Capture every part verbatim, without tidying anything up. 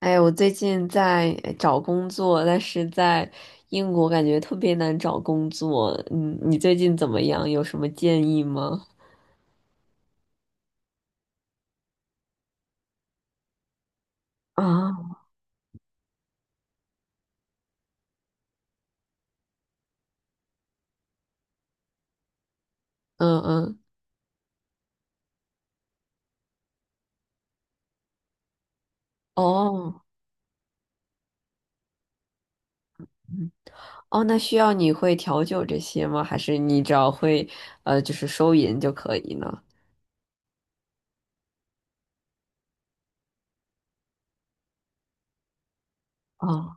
哎，我最近在呃找工作，但是在英国感觉特别难找工作。嗯，你最近怎么样？有什么建议吗？啊，嗯嗯，哦，嗯哦，那需要你会调酒这些吗？还是你只要会呃，就是收银就可以呢？哦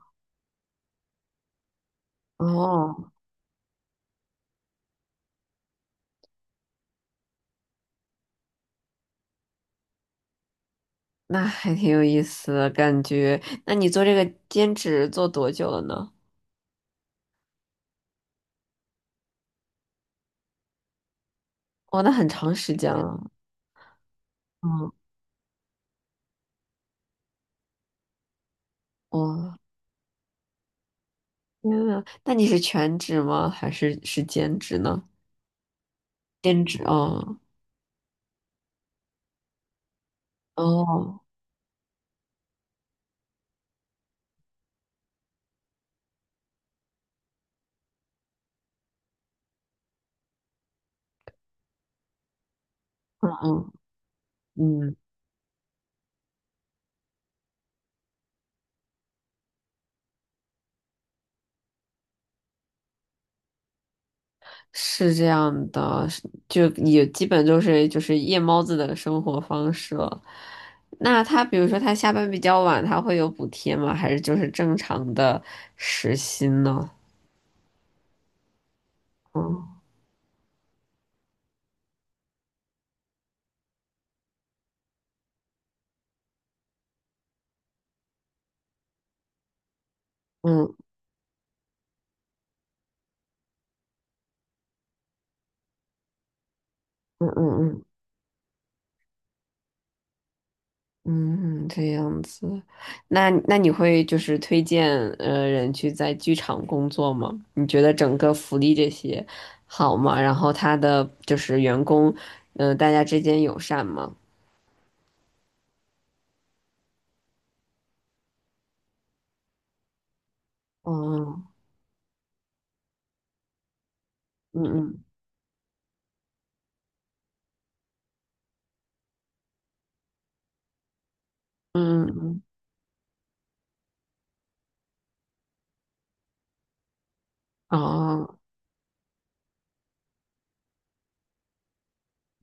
哦，那还挺有意思的感觉。那你做这个兼职做多久了呢？哦，那很长时间了。嗯，哦。天呐，那你是全职吗？还是是兼职呢？兼职哦，哦，嗯嗯嗯，是这样的，是就也基本就是就是夜猫子的生活方式了。那他比如说他下班比较晚，他会有补贴吗？还是就是正常的时薪呢？嗯嗯嗯嗯嗯。嗯，这样子，那那你会就是推荐呃人去在剧场工作吗？你觉得整个福利这些好吗？然后他的就是员工，嗯，大家之间友善吗？哦，嗯嗯嗯嗯，哦，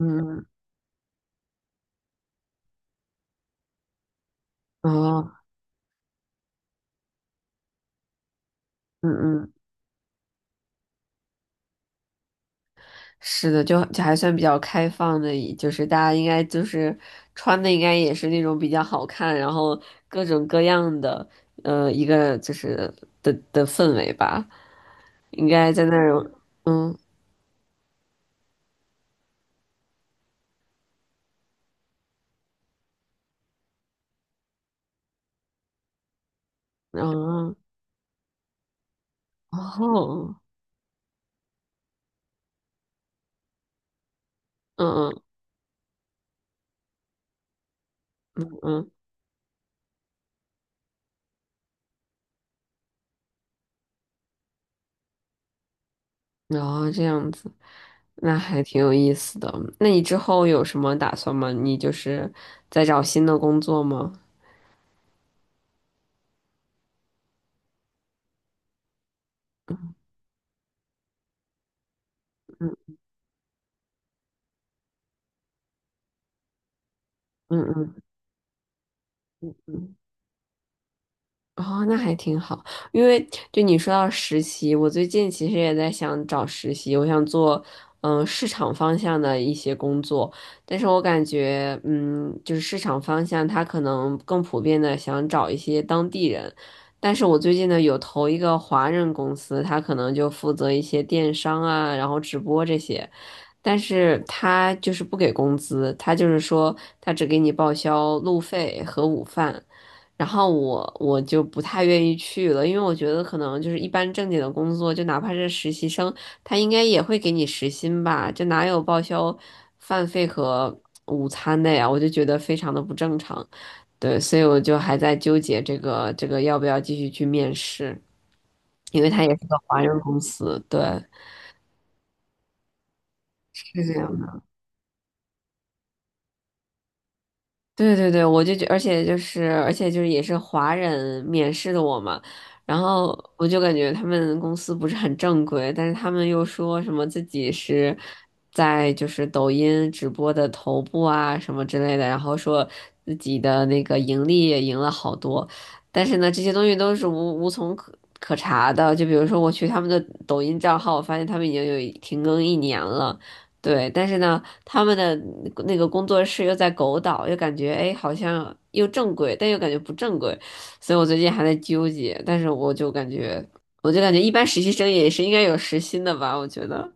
嗯嗯哦，嗯嗯。是的，就就还算比较开放的，就是大家应该就是穿的应该也是那种比较好看，然后各种各样的，呃，一个就是的的氛围吧，应该在那儿，嗯，然后哦，嗯嗯嗯，然后这样子，那还挺有意思的。那你之后有什么打算吗？你就是在找新的工作吗？嗯嗯嗯嗯嗯。嗯哦，那还挺好，因为就你说到实习，我最近其实也在想找实习，我想做嗯市场方向的一些工作，但是我感觉嗯就是市场方向他可能更普遍的想找一些当地人，但是我最近呢有投一个华人公司，他可能就负责一些电商啊，然后直播这些，但是他就是不给工资，他就是说他只给你报销路费和午饭。然后我我就不太愿意去了，因为我觉得可能就是一般正经的工作，就哪怕是实习生，他应该也会给你时薪吧，这哪有报销饭费和午餐的呀？我就觉得非常的不正常，对，所以我就还在纠结这个这个要不要继续去面试，因为他也是个华人公司，对，是这样。对对对，我就觉，而且就是，而且就是也是华人面试的我嘛，然后我就感觉他们公司不是很正规，但是他们又说什么自己是在就是抖音直播的头部啊什么之类的，然后说自己的那个盈利也赢了好多，但是呢，这些东西都是无无从可可查的，就比如说我去他们的抖音账号，我发现他们已经有停更一年了。对，但是呢，他们的那个工作室又在狗岛，又感觉哎，好像又正规，但又感觉不正规，所以我最近还在纠结。但是我就感觉，我就感觉一般实习生也是应该有实薪的吧，我觉得。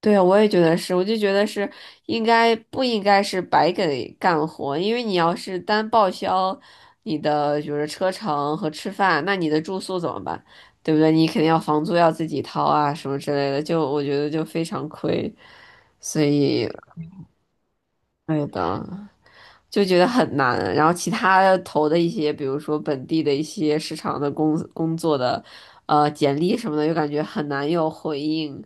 对啊，我也觉得是，我就觉得是应该不应该是白给干活，因为你要是单报销你的就是车程和吃饭，那你的住宿怎么办？对不对？你肯定要房租要自己掏啊，什么之类的，就我觉得就非常亏，所以，对的。就觉得很难。然后其他投的一些，比如说本地的一些市场的工工作的，呃，简历什么的，又感觉很难有回应，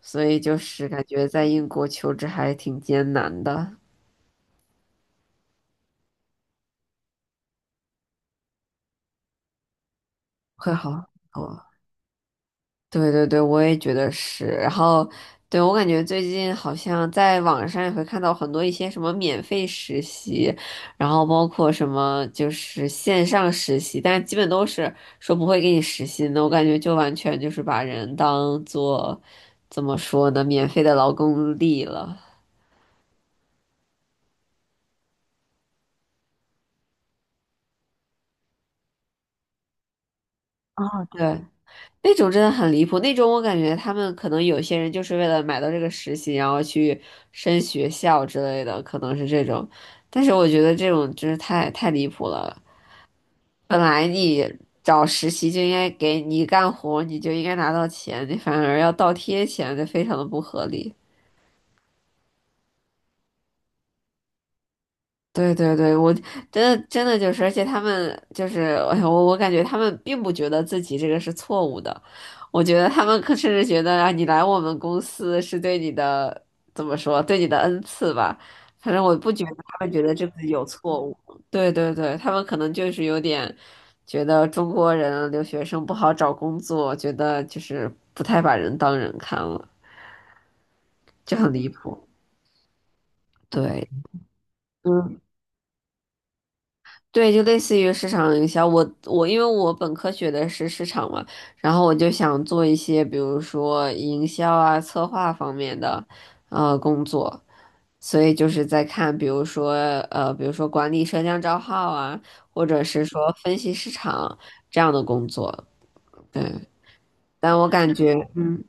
所以就是感觉在英国求职还挺艰难的。会好，好对对对，我也觉得是。然后，对，我感觉最近好像在网上也会看到很多一些什么免费实习，然后包括什么就是线上实习，但是基本都是说不会给你实习的。我感觉就完全就是把人当做怎么说呢，免费的劳动力了。对，那种真的很离谱，那种我感觉他们可能有些人就是为了买到这个实习，然后去升学校之类的，可能是这种。但是我觉得这种就是太太离谱了。本来你找实习就应该给你干活，你就应该拿到钱，你反而要倒贴钱，这非常的不合理。对对对，我真的真的就是，而且他们就是，哎呀我我感觉他们并不觉得自己这个是错误的，我觉得他们可甚至觉得啊，你来我们公司是对你的怎么说，对你的恩赐吧。反正我不觉得他们觉得这个有错误。对对对，他们可能就是有点觉得中国人留学生不好找工作，觉得就是不太把人当人看了，就很离谱。对。嗯。对，就类似于市场营销。我我因为我本科学的是市场嘛，然后我就想做一些，比如说营销啊、策划方面的呃工作，所以就是在看，比如说呃，比如说管理社交账号啊，或者是说分析市场这样的工作。对，但我感觉，嗯。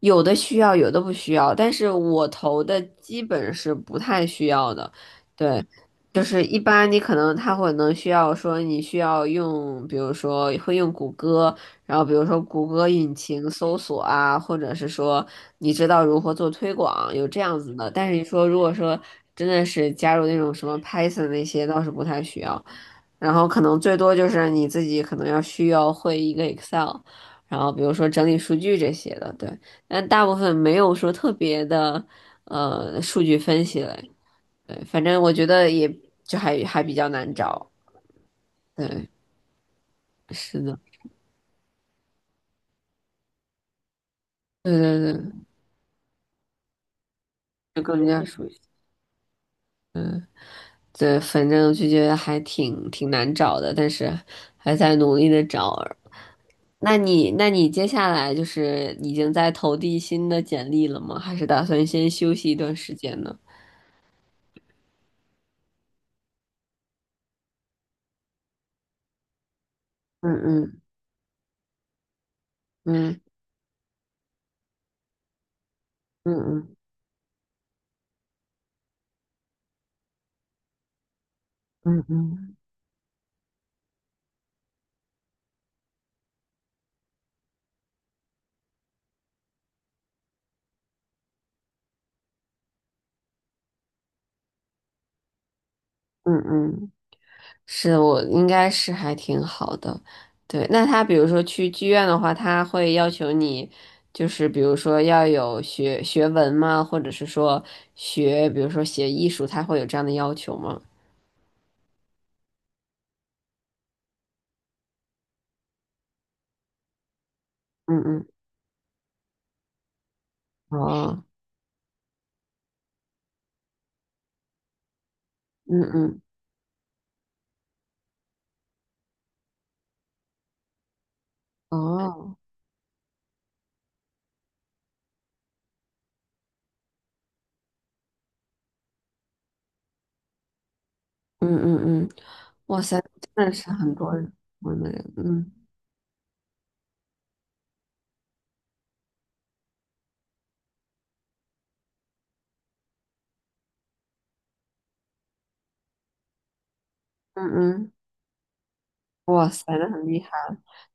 有的需要，有的不需要，但是我投的基本是不太需要的，对，就是一般你可能他会能需要说你需要用，比如说会用谷歌，然后比如说谷歌引擎搜索啊，或者是说你知道如何做推广，有这样子的，但是你说如果说真的是加入那种什么 Python 那些倒是不太需要，然后可能最多就是你自己可能要需要会一个 Excel，然后比如说整理数据这些的，对。但大部分没有说特别的呃数据分析类，对，反正我觉得也就还还比较难找，对，是的，对对对，就更加熟悉，嗯，对，反正就觉得还挺挺难找的，但是还在努力的找。那你那你接下来就是已经在投递新的简历了吗？还是打算先休息一段时间呢？嗯嗯嗯嗯嗯嗯嗯嗯嗯。是我应该是还挺好的，对。那他比如说去剧院的话，他会要求你，就是比如说要有学学文吗？或者是说学，比如说写艺术，他会有这样的要求吗？嗯嗯，哦，嗯嗯，哦，嗯嗯嗯，哇塞，真的是很多人，我们人，嗯嗯嗯，哇塞，那很厉害。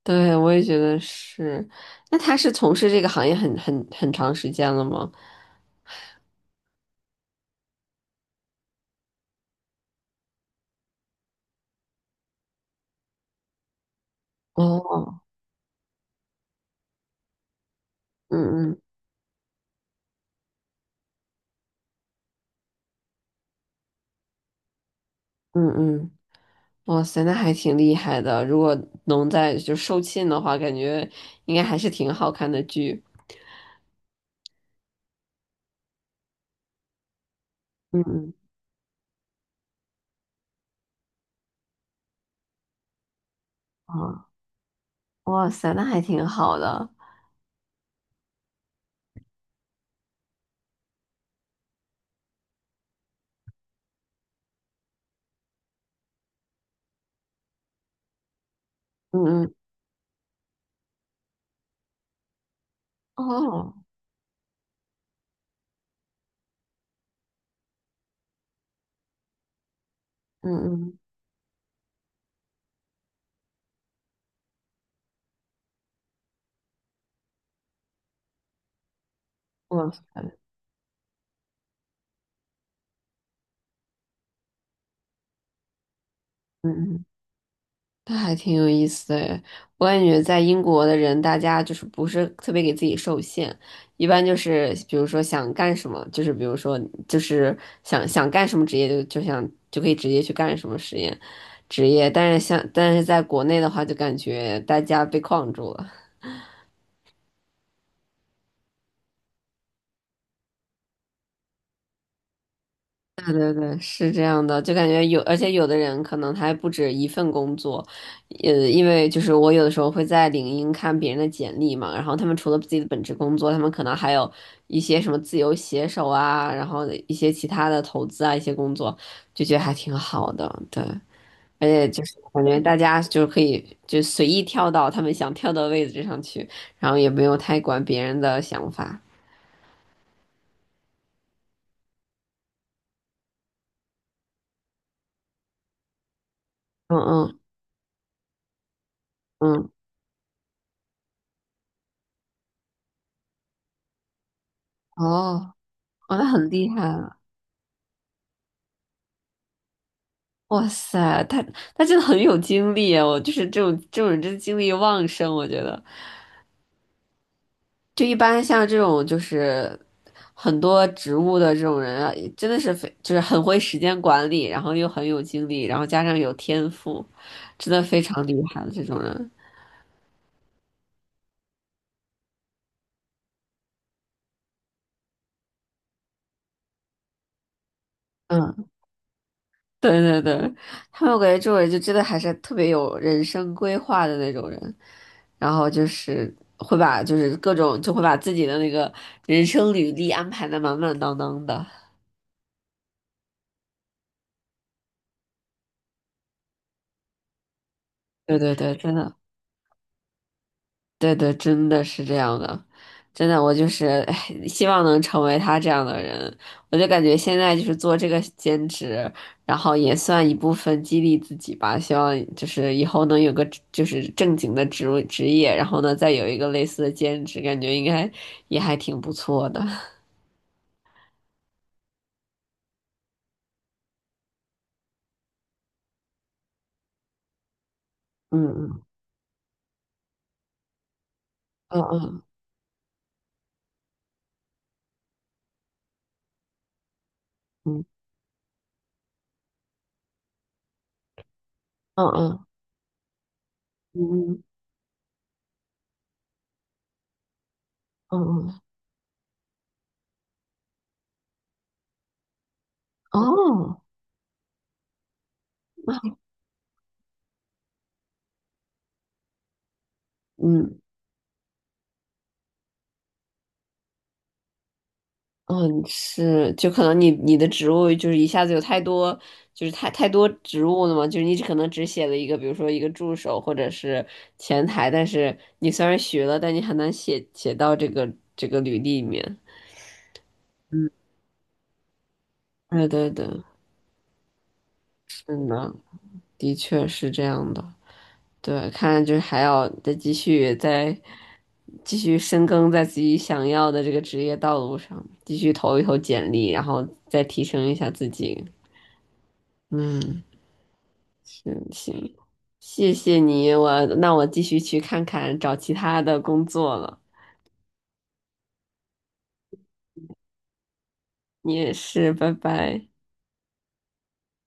对，我也觉得是。那他是从事这个行业很很很长时间了吗？哦。嗯嗯嗯嗯，哇塞，那还挺厉害的。如果能在就售罄的话，感觉应该还是挺好看的剧。嗯嗯啊，哇塞，那还挺好的。嗯嗯哦，嗯嗯，哇塞，嗯嗯。那还挺有意思的诶我感觉在英国的人，大家就是不是特别给自己受限，一般就是比如说想干什么，就是比如说就是想想干什么职业就就想就可以直接去干什么实验职业，但是像但是在国内的话，就感觉大家被框住了。嗯，是这样的，就感觉有，而且有的人可能他还不止一份工作，呃，因为就是我有的时候会在领英看别人的简历嘛，然后他们除了自己的本职工作，他们可能还有一些什么自由写手啊，然后一些其他的投资啊，一些工作，就觉得还挺好的，对，而且就是感觉大家就是可以就随意跳到他们想跳的位置上去，然后也没有太管别人的想法，嗯嗯嗯，哦，哦，那很厉害啊。哇塞，他他真的很有精力啊，我就是这种这种人真的精力旺盛，我觉得就一般像这种就是很多植物的这种人啊，真的是非就是很会时间管理，然后又很有精力，然后加上有天赋，真的非常厉害的这种人。嗯，对对对，他们我感觉这种人就真的还是特别有人生规划的那种人，然后就是会把就是各种就会把自己的那个人生履历安排的满满当当的。对对对，真的，对对，真的是这样的，真的，我就是，哎，希望能成为他这样的人。我就感觉现在就是做这个兼职，然后也算一部分激励自己吧。希望就是以后能有个就是正经的职位职业，然后呢再有一个类似的兼职，感觉应该也还挺不错的。嗯嗯嗯嗯嗯嗯嗯嗯嗯嗯，哦，嗯。嗯，是，就可能你你的职务就是一下子有太多，就是太太多职务了嘛，就是你可能只写了一个，比如说一个助手或者是前台，但是你虽然学了，但你很难写写到这个这个履历里面。对对对，是呢，的确是这样的。对，看来就是还要再继续再继续深耕在自己想要的这个职业道路上，继续投一投简历，然后再提升一下自己。嗯。嗯，行，谢谢你，我那我继续去看看找其他的工作了。你也是，拜拜。